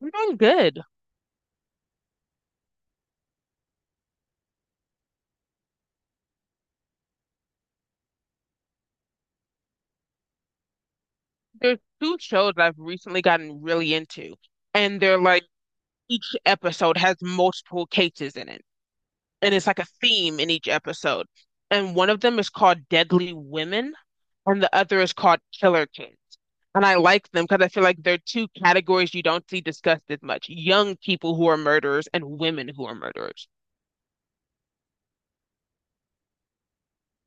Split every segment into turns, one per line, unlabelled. I'm doing good. There's two shows that I've recently gotten really into, and they're like each episode has multiple cases in it, and it's like a theme in each episode. And one of them is called Deadly Women, and the other is called Killer Kids. And I like them because I feel like they're two categories you don't see discussed as much: young people who are murderers and women who are murderers.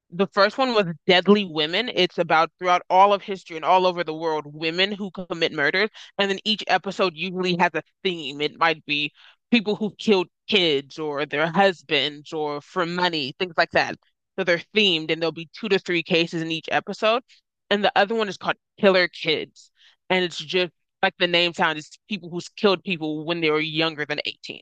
The first one was Deadly Women. It's about throughout all of history and all over the world, women who commit murders. And then each episode usually has a theme. It might be people who killed kids or their husbands or for money, things like that. So they're themed and there'll be two to three cases in each episode. And the other one is called Killer Kids. And it's just like the name sounds, it's people who's killed people when they were younger than 18.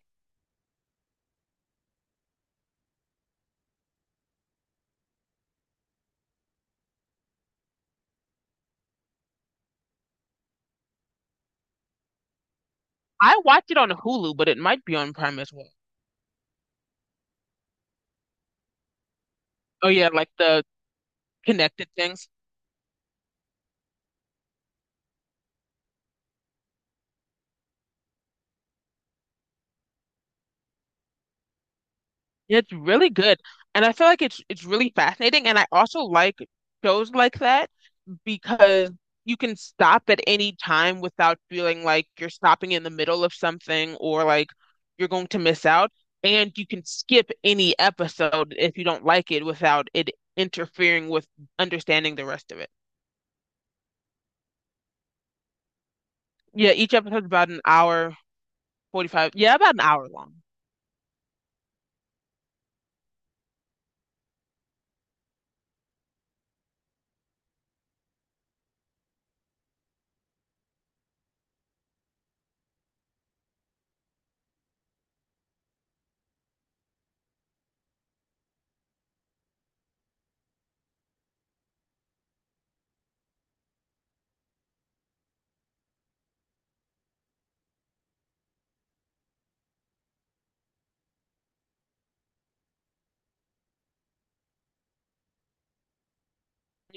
I watched it on Hulu, but it might be on Prime as well. Oh yeah, like the connected things. It's really good. And I feel like it's really fascinating. And I also like shows like that because you can stop at any time without feeling like you're stopping in the middle of something or like you're going to miss out. And you can skip any episode if you don't like it without it interfering with understanding the rest of it. Yeah, each episode's about an hour, 45. Yeah, about an hour long.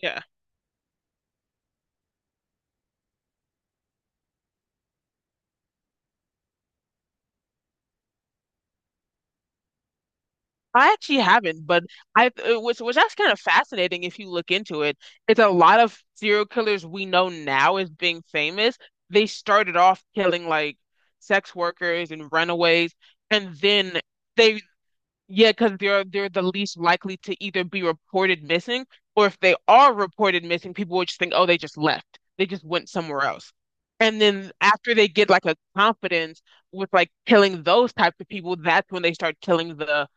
Yeah. I actually haven't, but I it was that's kind of fascinating if you look into it. It's a lot of serial killers we know now as being famous. They started off killing like sex workers and runaways, and then they yeah, because they're the least likely to either be reported missing or if they are reported missing, people would just think, oh, they just left. They just went somewhere else. And then after they get like a confidence with like killing those types of people, that's when they start killing the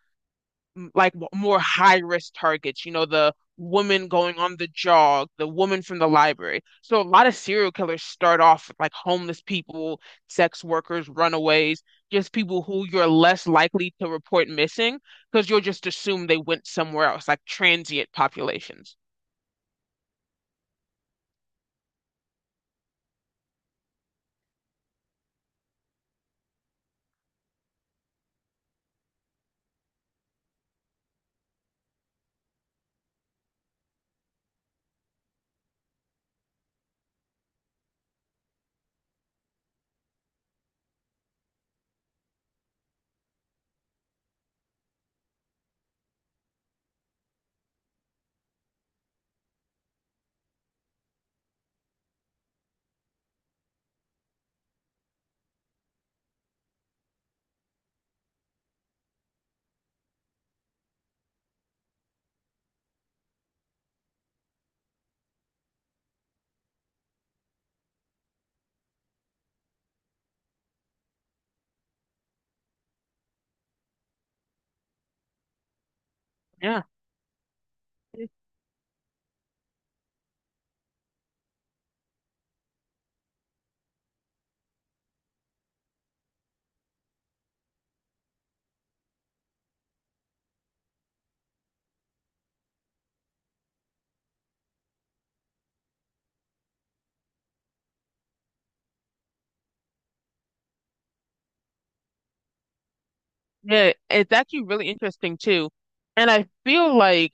like more high risk targets, you know, the woman going on the jog, the woman from the library. So a lot of serial killers start off with like homeless people, sex workers, runaways, just people who you're less likely to report missing because you'll just assume they went somewhere else, like transient populations. Yeah. It's- Yeah, it's actually really interesting too. And I feel like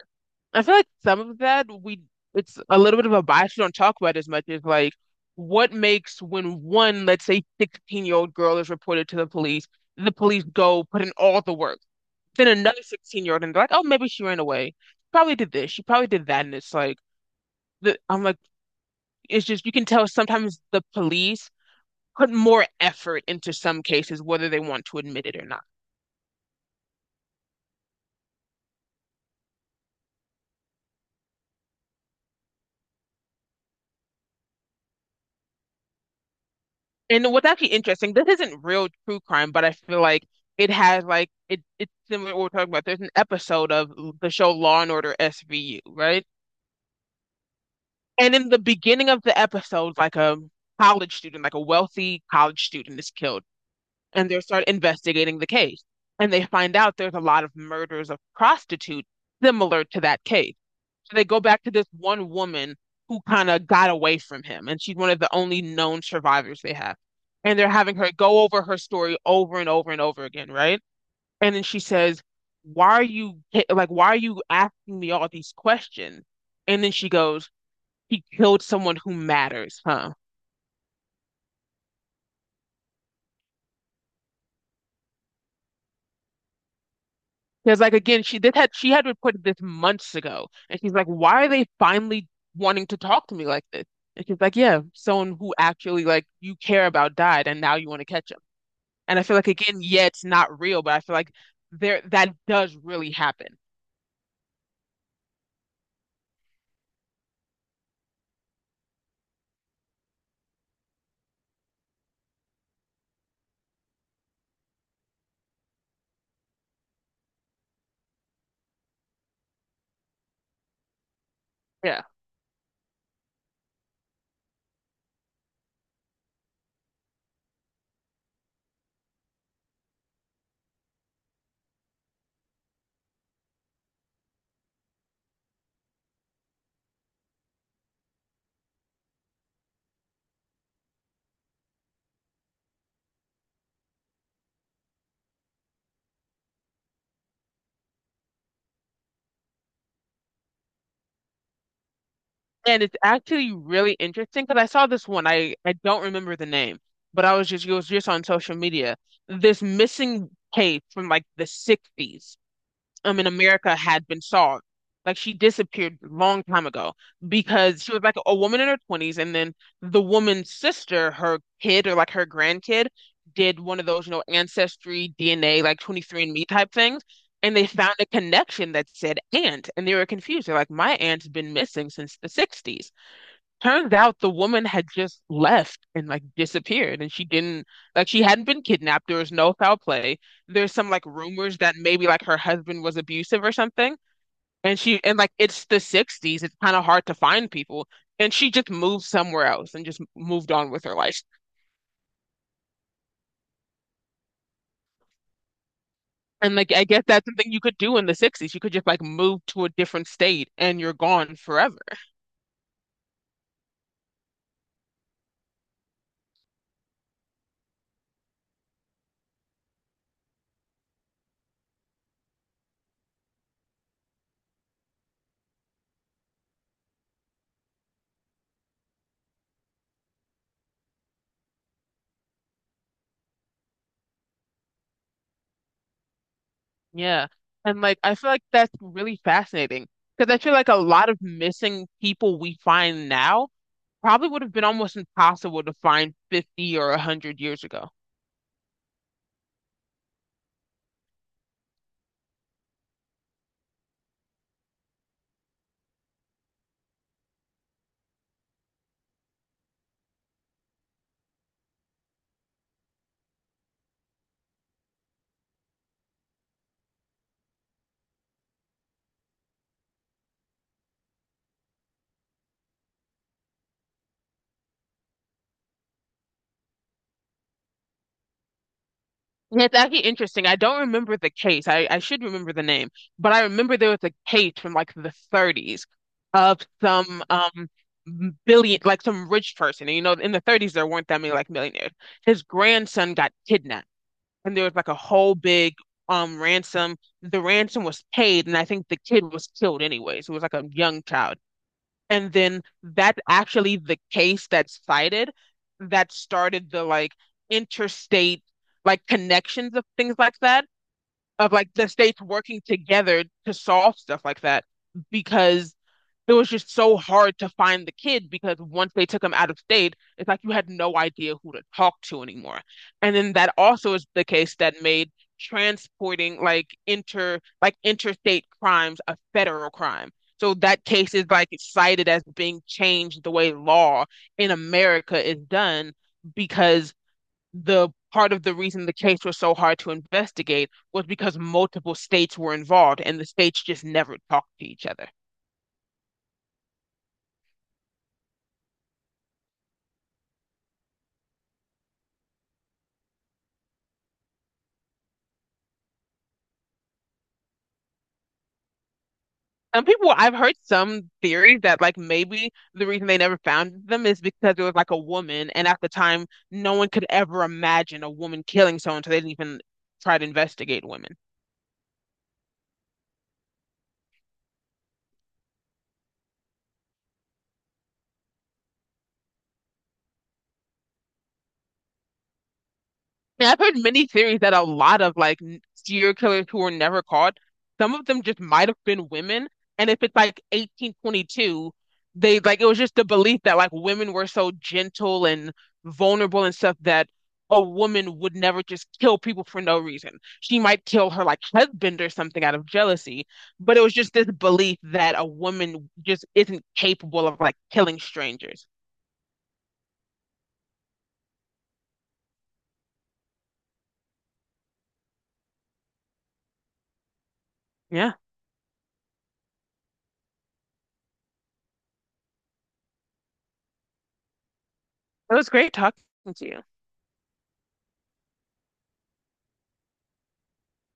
I feel like some of that we it's a little bit of a bias we don't talk about as much is like what makes when one, let's say 16-year-old girl is reported to the police go put in all the work. Then another 16-year-old and they're like, oh, maybe she ran away. She probably did this. She probably did that. And it's like I'm like, it's just you can tell sometimes the police put more effort into some cases, whether they want to admit it or not. And what's actually interesting, this isn't real true crime, but I feel like it has like it's similar to what we're talking about. There's an episode of the show Law and Order SVU, right? And in the beginning of the episode, like a college student, like a wealthy college student is killed, and they start investigating the case. And they find out there's a lot of murders of prostitutes similar to that case. So they go back to this one woman who kind of got away from him, and she's one of the only known survivors they have. And they're having her go over her story over and over and over again, right? And then she says, "Why are you why are you asking me all these questions?" And then she goes, "He killed someone who matters, huh?" Because like again, she had reported this months ago, and she's like, "Why are they finally wanting to talk to me like this?" And she's like, "Yeah, someone who actually like you care about died, and now you want to catch." And I feel like again, yeah, it's not real, but I feel like there that does really happen. Yeah. And it's actually really interesting because I saw this one. I don't remember the name, but I was just it was just on social media. This missing tape from like the 60s. In America had been solved. Like she disappeared a long time ago because she was like a woman in her 20s and then the woman's sister, her kid or like her grandkid did one of those, you know, ancestry DNA like 23andMe type things and they found a connection that said aunt and they were confused. They're like my aunt's been missing since the 60s. Turns out the woman had just left and like disappeared, and she didn't like she hadn't been kidnapped. There was no foul play. There's some like rumors that maybe like her husband was abusive or something, and like it's the 60s. It's kind of hard to find people, and she just moved somewhere else and just moved on with her life. And like I guess that's something you could do in the 60s. You could just like move to a different state and you're gone forever. Yeah. And like I feel like that's really fascinating because I feel like a lot of missing people we find now probably would have been almost impossible to find 50 or 100 years ago. And it's actually interesting. I don't remember the case. I should remember the name, but I remember there was a case from like the 30s of some billion, like some rich person. And you know, in the 30s, there weren't that many like millionaires. His grandson got kidnapped, and there was like a whole big ransom. The ransom was paid, and I think the kid was killed anyways. It was like a young child. And then that's actually the case that's cited that started the like interstate like connections of things like that, of like the states working together to solve stuff like that. Because it was just so hard to find the kid because once they took him out of state, it's like you had no idea who to talk to anymore. And then that also is the case that made transporting like interstate crimes a federal crime. So that case is like cited as being changed the way law in America is done because the part of the reason the case was so hard to investigate was because multiple states were involved and the states just never talked to each other. Some people, I've heard some theories that like maybe the reason they never found them is because it was like a woman, and at the time, no one could ever imagine a woman killing someone, so they didn't even try to investigate women. Mean, I've heard many theories that a lot of like serial killers who were never caught, some of them just might have been women. And if it's like 1822, they like it was just the belief that like women were so gentle and vulnerable and stuff that a woman would never just kill people for no reason. She might kill her like husband or something out of jealousy, but it was just this belief that a woman just isn't capable of like killing strangers. Yeah, it was great talking to you.